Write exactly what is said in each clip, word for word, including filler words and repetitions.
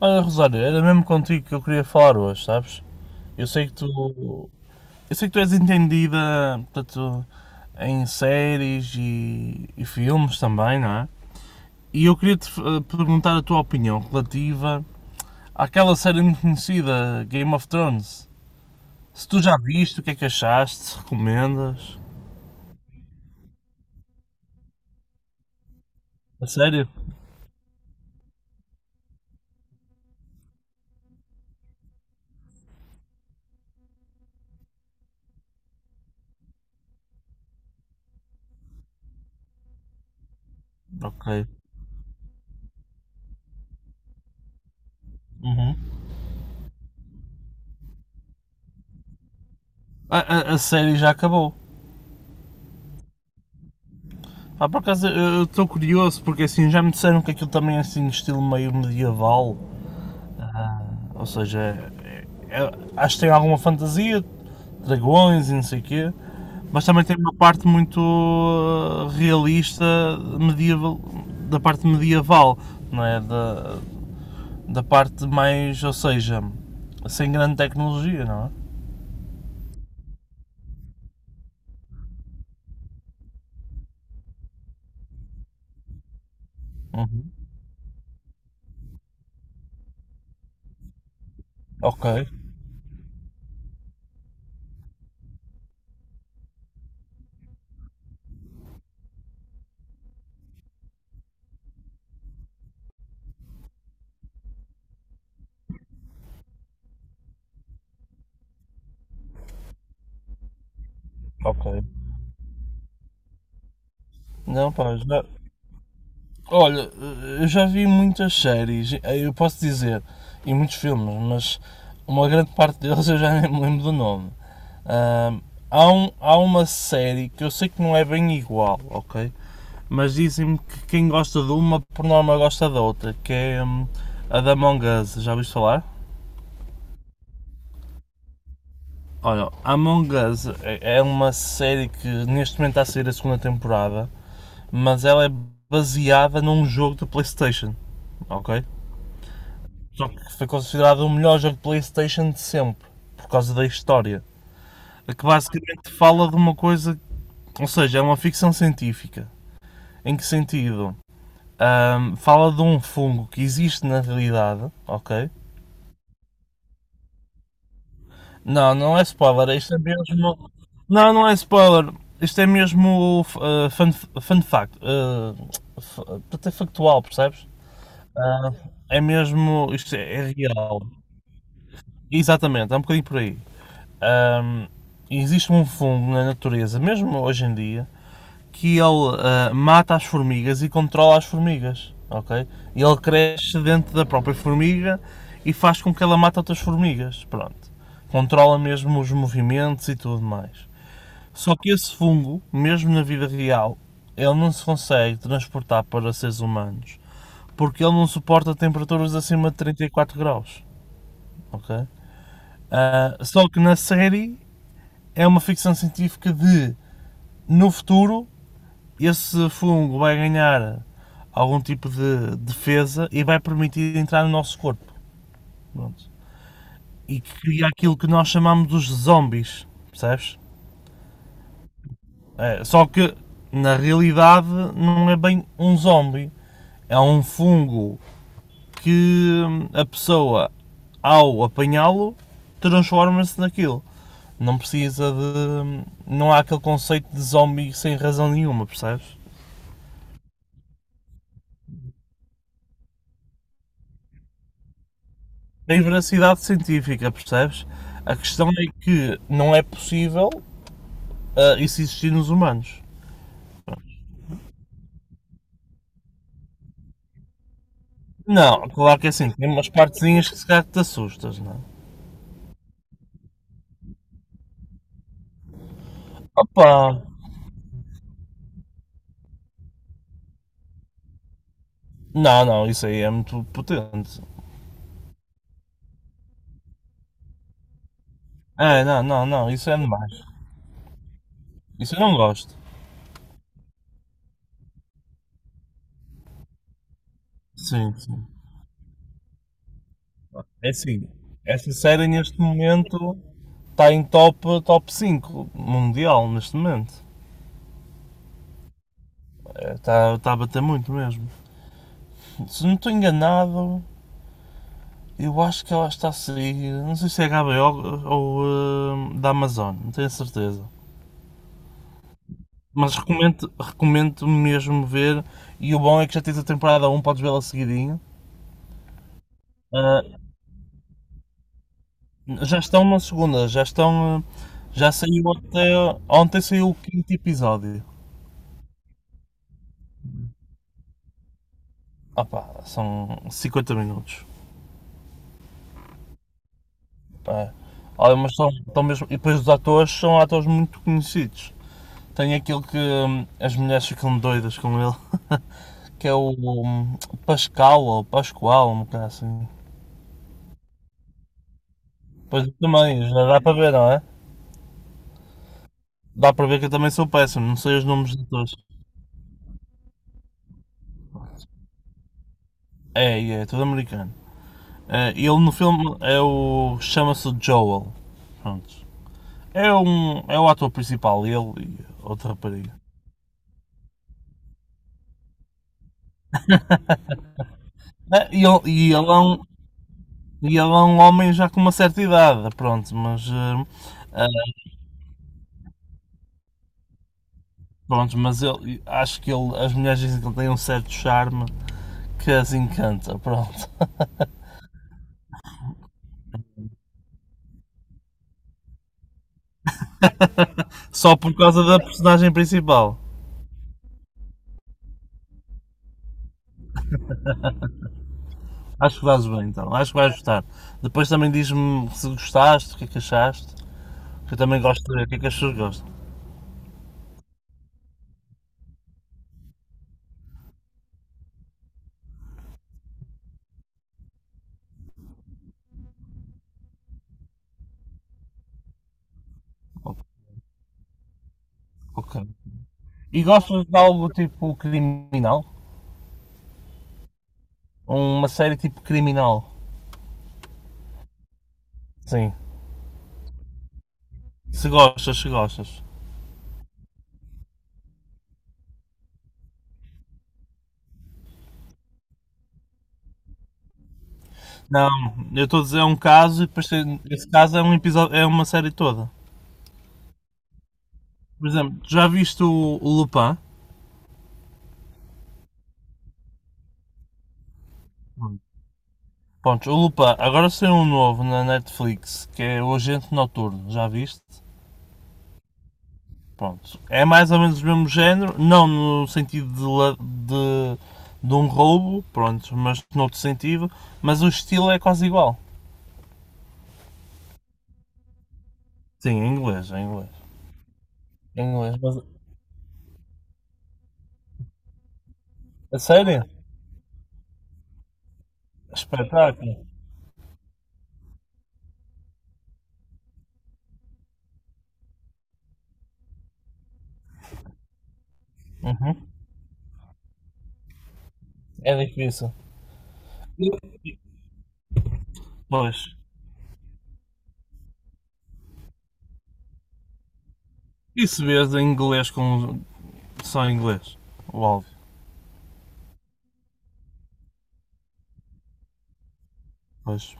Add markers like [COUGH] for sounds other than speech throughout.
Olha, Rosário, era mesmo contigo que eu queria falar hoje, sabes? Eu sei que tu. Eu sei que tu és entendida, portanto, em séries e, e filmes também, não é? E eu queria te eh, perguntar a tua opinião relativa àquela série muito conhecida, Game of Thrones. Se tu já viste, o que é que achaste? Se recomendas? A sério? Ok. Uhum. A, a- a série já acabou. Ah, por acaso eu estou curioso porque assim já me disseram que aquilo também é assim estilo meio medieval. Ou seja, é- é- acho que tem alguma fantasia, dragões e não sei o quê, mas também tem uma parte muito uh, realista medieval, da parte medieval, não é? Da, da parte mais, ou seja, sem grande tecnologia, não é? Uhum. Ok, ok. Não, pá, já, Olha, eu já vi muitas séries, eu posso dizer, e muitos filmes, mas uma grande parte deles eu já nem me lembro do nome. Ahm, há, um- há uma série que eu sei que não é bem igual, ok? Mas dizem-me que quem gosta de uma, por norma, gosta da outra, que é hum, a da Among Us. Já ouviste falar? Olha, a Among Us é é uma série que neste momento está a sair a segunda temporada, mas ela é baseada num jogo do PlayStation, ok? Só que foi considerado o melhor jogo de Playstation de sempre, por causa da história. Que basicamente fala de uma coisa, ou seja, é uma ficção científica. Em que sentido? Ahm, fala de um fungo que existe na realidade, ok? Não, não é spoiler, isto é mesmo. Não, não é spoiler. Isto é mesmo uh, fun, fun fact. Uh, até factual, percebes? Ah, é mesmo. Isto é, é real. Exatamente, é um bocadinho por aí. Ahm, Existe um fungo na natureza, mesmo hoje em dia, que ele ah, mata as formigas e controla as formigas, ok? E ele cresce dentro da própria formiga e faz com que ela mate outras formigas, pronto. Controla mesmo os movimentos e tudo mais. Só que esse fungo, mesmo na vida real, ele não se consegue transportar para seres humanos porque ele não suporta temperaturas acima de trinta e quatro graus, ok? Ah, só que na série é uma ficção científica de no futuro, esse fungo vai ganhar algum tipo de defesa e vai permitir entrar no nosso corpo. Pronto. E cria aquilo que nós chamamos dos zombies, percebes? É, só que na realidade não é bem um zombie, é um fungo que a pessoa ao apanhá-lo transforma-se naquilo. Não precisa de. Não há aquele conceito de zombie sem razão nenhuma, percebes? Tem veracidade científica, percebes? A questão é que não é possível ah, isso existir nos humanos. Não, claro que é assim, tem umas partezinhas que se calhar que te assustas, não é? Opa! Não, não, isso aí é muito potente. É, não, não, não, isso é demais. Isso eu não gosto. Sim, sim. É assim, essa série neste momento está em top, top cinco mundial, neste momento. É, Está está a bater muito mesmo. Se não estou enganado, eu acho que ela está a sair, não sei se é H B O ou eh, da Amazon, não tenho certeza. Mas recomendo, recomendo mesmo ver, e o bom é que já tens a temporada um, podes vê-la seguidinho. Ah, já estão na segunda, já estão. Eh, já saiu até. Ontem saiu o quinto episódio. Ah pá, são cinquenta minutos. Pá, olha, mas são, estão mesmo. E depois os atores são atores muito conhecidos. Tem aquele que hum, as mulheres ficam doidas com ele. Que é o, o Pascal ou Pascoal, um bocado assim. Pois eu também, já dá para ver, não é? Dá para ver que eu também sou péssimo, não sei os nomes de todos. É, é, é todo americano. É, ele no filme é o. chama-se Joel. Prontos. É, um, é o ator principal, ele e outra rapariga. É, e, ele, e, ele é um, e ele é um homem já com uma certa idade, pronto, mas, eh, ah, pronto, mas eu acho que ele, as mulheres dizem que ele tem um certo charme que as encanta, pronto. Só por causa da personagem principal. Acho que fazes bem então, acho que vais gostar. Depois também diz-me se gostaste, o que é que achaste. Que eu também gosto de ver o que é que as pessoas gostam. Ok. E gostas de algo tipo criminal? Uma série tipo criminal? Sim. Se gostas, se gostas? Não, eu estou a dizer é um caso e depois tem- esse caso é um episódio, é uma série toda. Por exemplo, já viste o, o Lupin? Pontos, o Lupin, agora saiu um novo na Netflix, que é o Agente Noturno, já viste? Pronto. É mais ou menos o mesmo género, não no sentido de, de, de um roubo, pronto, mas noutro sentido, mas o estilo é quase igual. Sim, em inglês, em inglês. Em inglês, mas a sério? Espetáculo. Uhum. É difícil. Pois. E se vês em inglês com só em inglês? O áudio. Pois.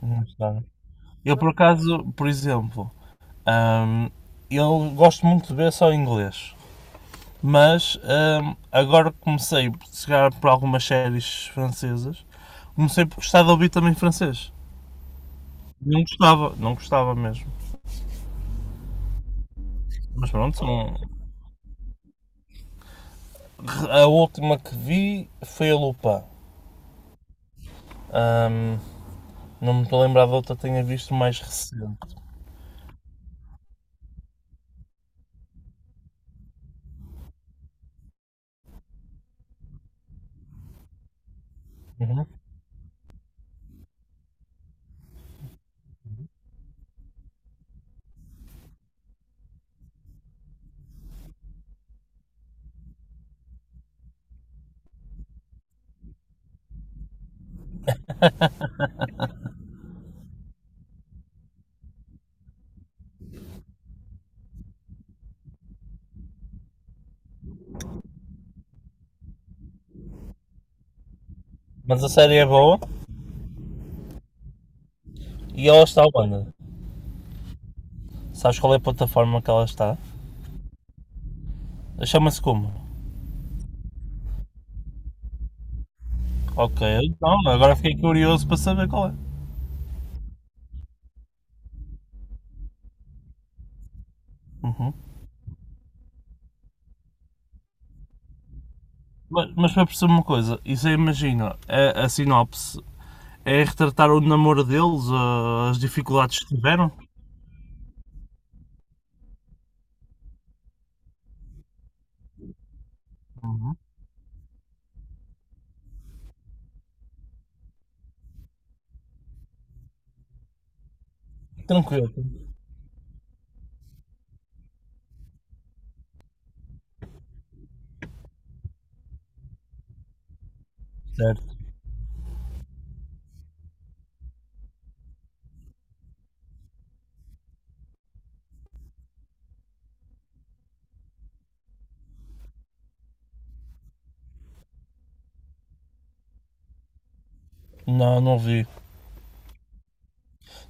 Não está, né? Eu por acaso, por exemplo, ahm, eu gosto muito de ver só em inglês. Mas hum, agora comecei, a calhar por algumas séries francesas, comecei por gostar de ouvir também francês. Não gostava, não gostava mesmo. Mas pronto, são- a última que vi foi a Lupin. Hum, não me estou a lembrar de outra que tenha visto mais recente. Uhum. Mas a série é boa e ela está onde? Sabes qual é a plataforma que ela está? Chama-se como? Ok, então agora fiquei curioso para saber qual é. Uhum. Mas, mas para perceber uma coisa, isso aí imagina, a, a sinopse é retratar o namoro deles, ah, as dificuldades que tiveram. Uhum. Tranquilo, certo. Não, não vi.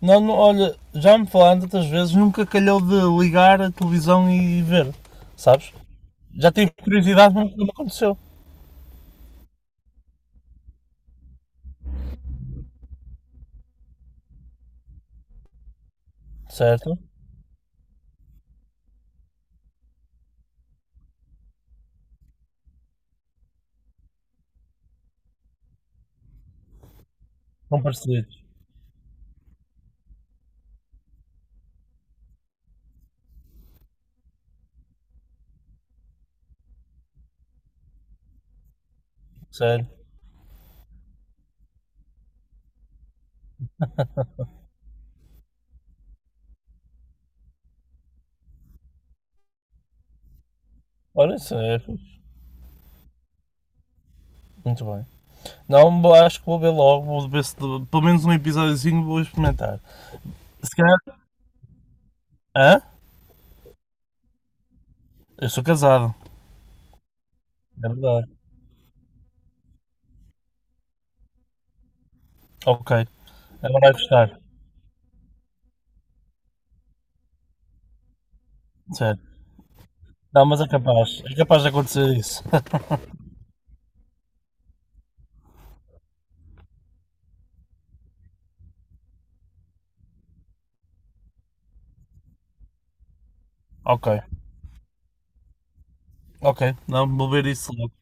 Não, não, olha, já me falaram tantas vezes, nunca calhou de ligar a televisão e ver, sabes? Já tive curiosidade, mas nunca me aconteceu, certo? Não parecidos, sério. Olha, isso é fixe. Muito bem. Não, bo- acho que vou ver logo, vou ver se pelo menos um episódiozinho vou experimentar. Se calhar. Hã? Eu sou casado. É verdade. Ok. Agora vai gostar. Certo. Não, mas é capaz. É capaz de acontecer isso. [LAUGHS] Ok, ok. Não, vou ver isso logo.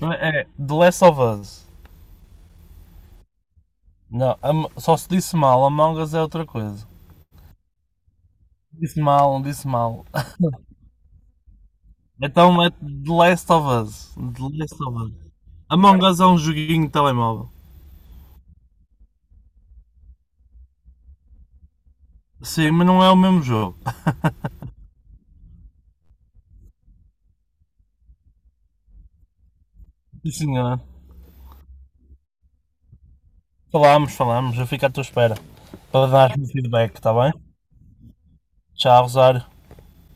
Não, é, The Last of Us. Não, Am- só se disse mal, Among Us é outra coisa. Disse mal, disse mal. [LAUGHS] Então é The Last of Us. The Last of Us. Among Us é um joguinho de telemóvel. Sim, mas não é o mesmo jogo. [LAUGHS] Sim, senhora. Falamos, falamos. Eu fico à tua espera. Para dar-me feedback, está bem? Tchau, Rosário.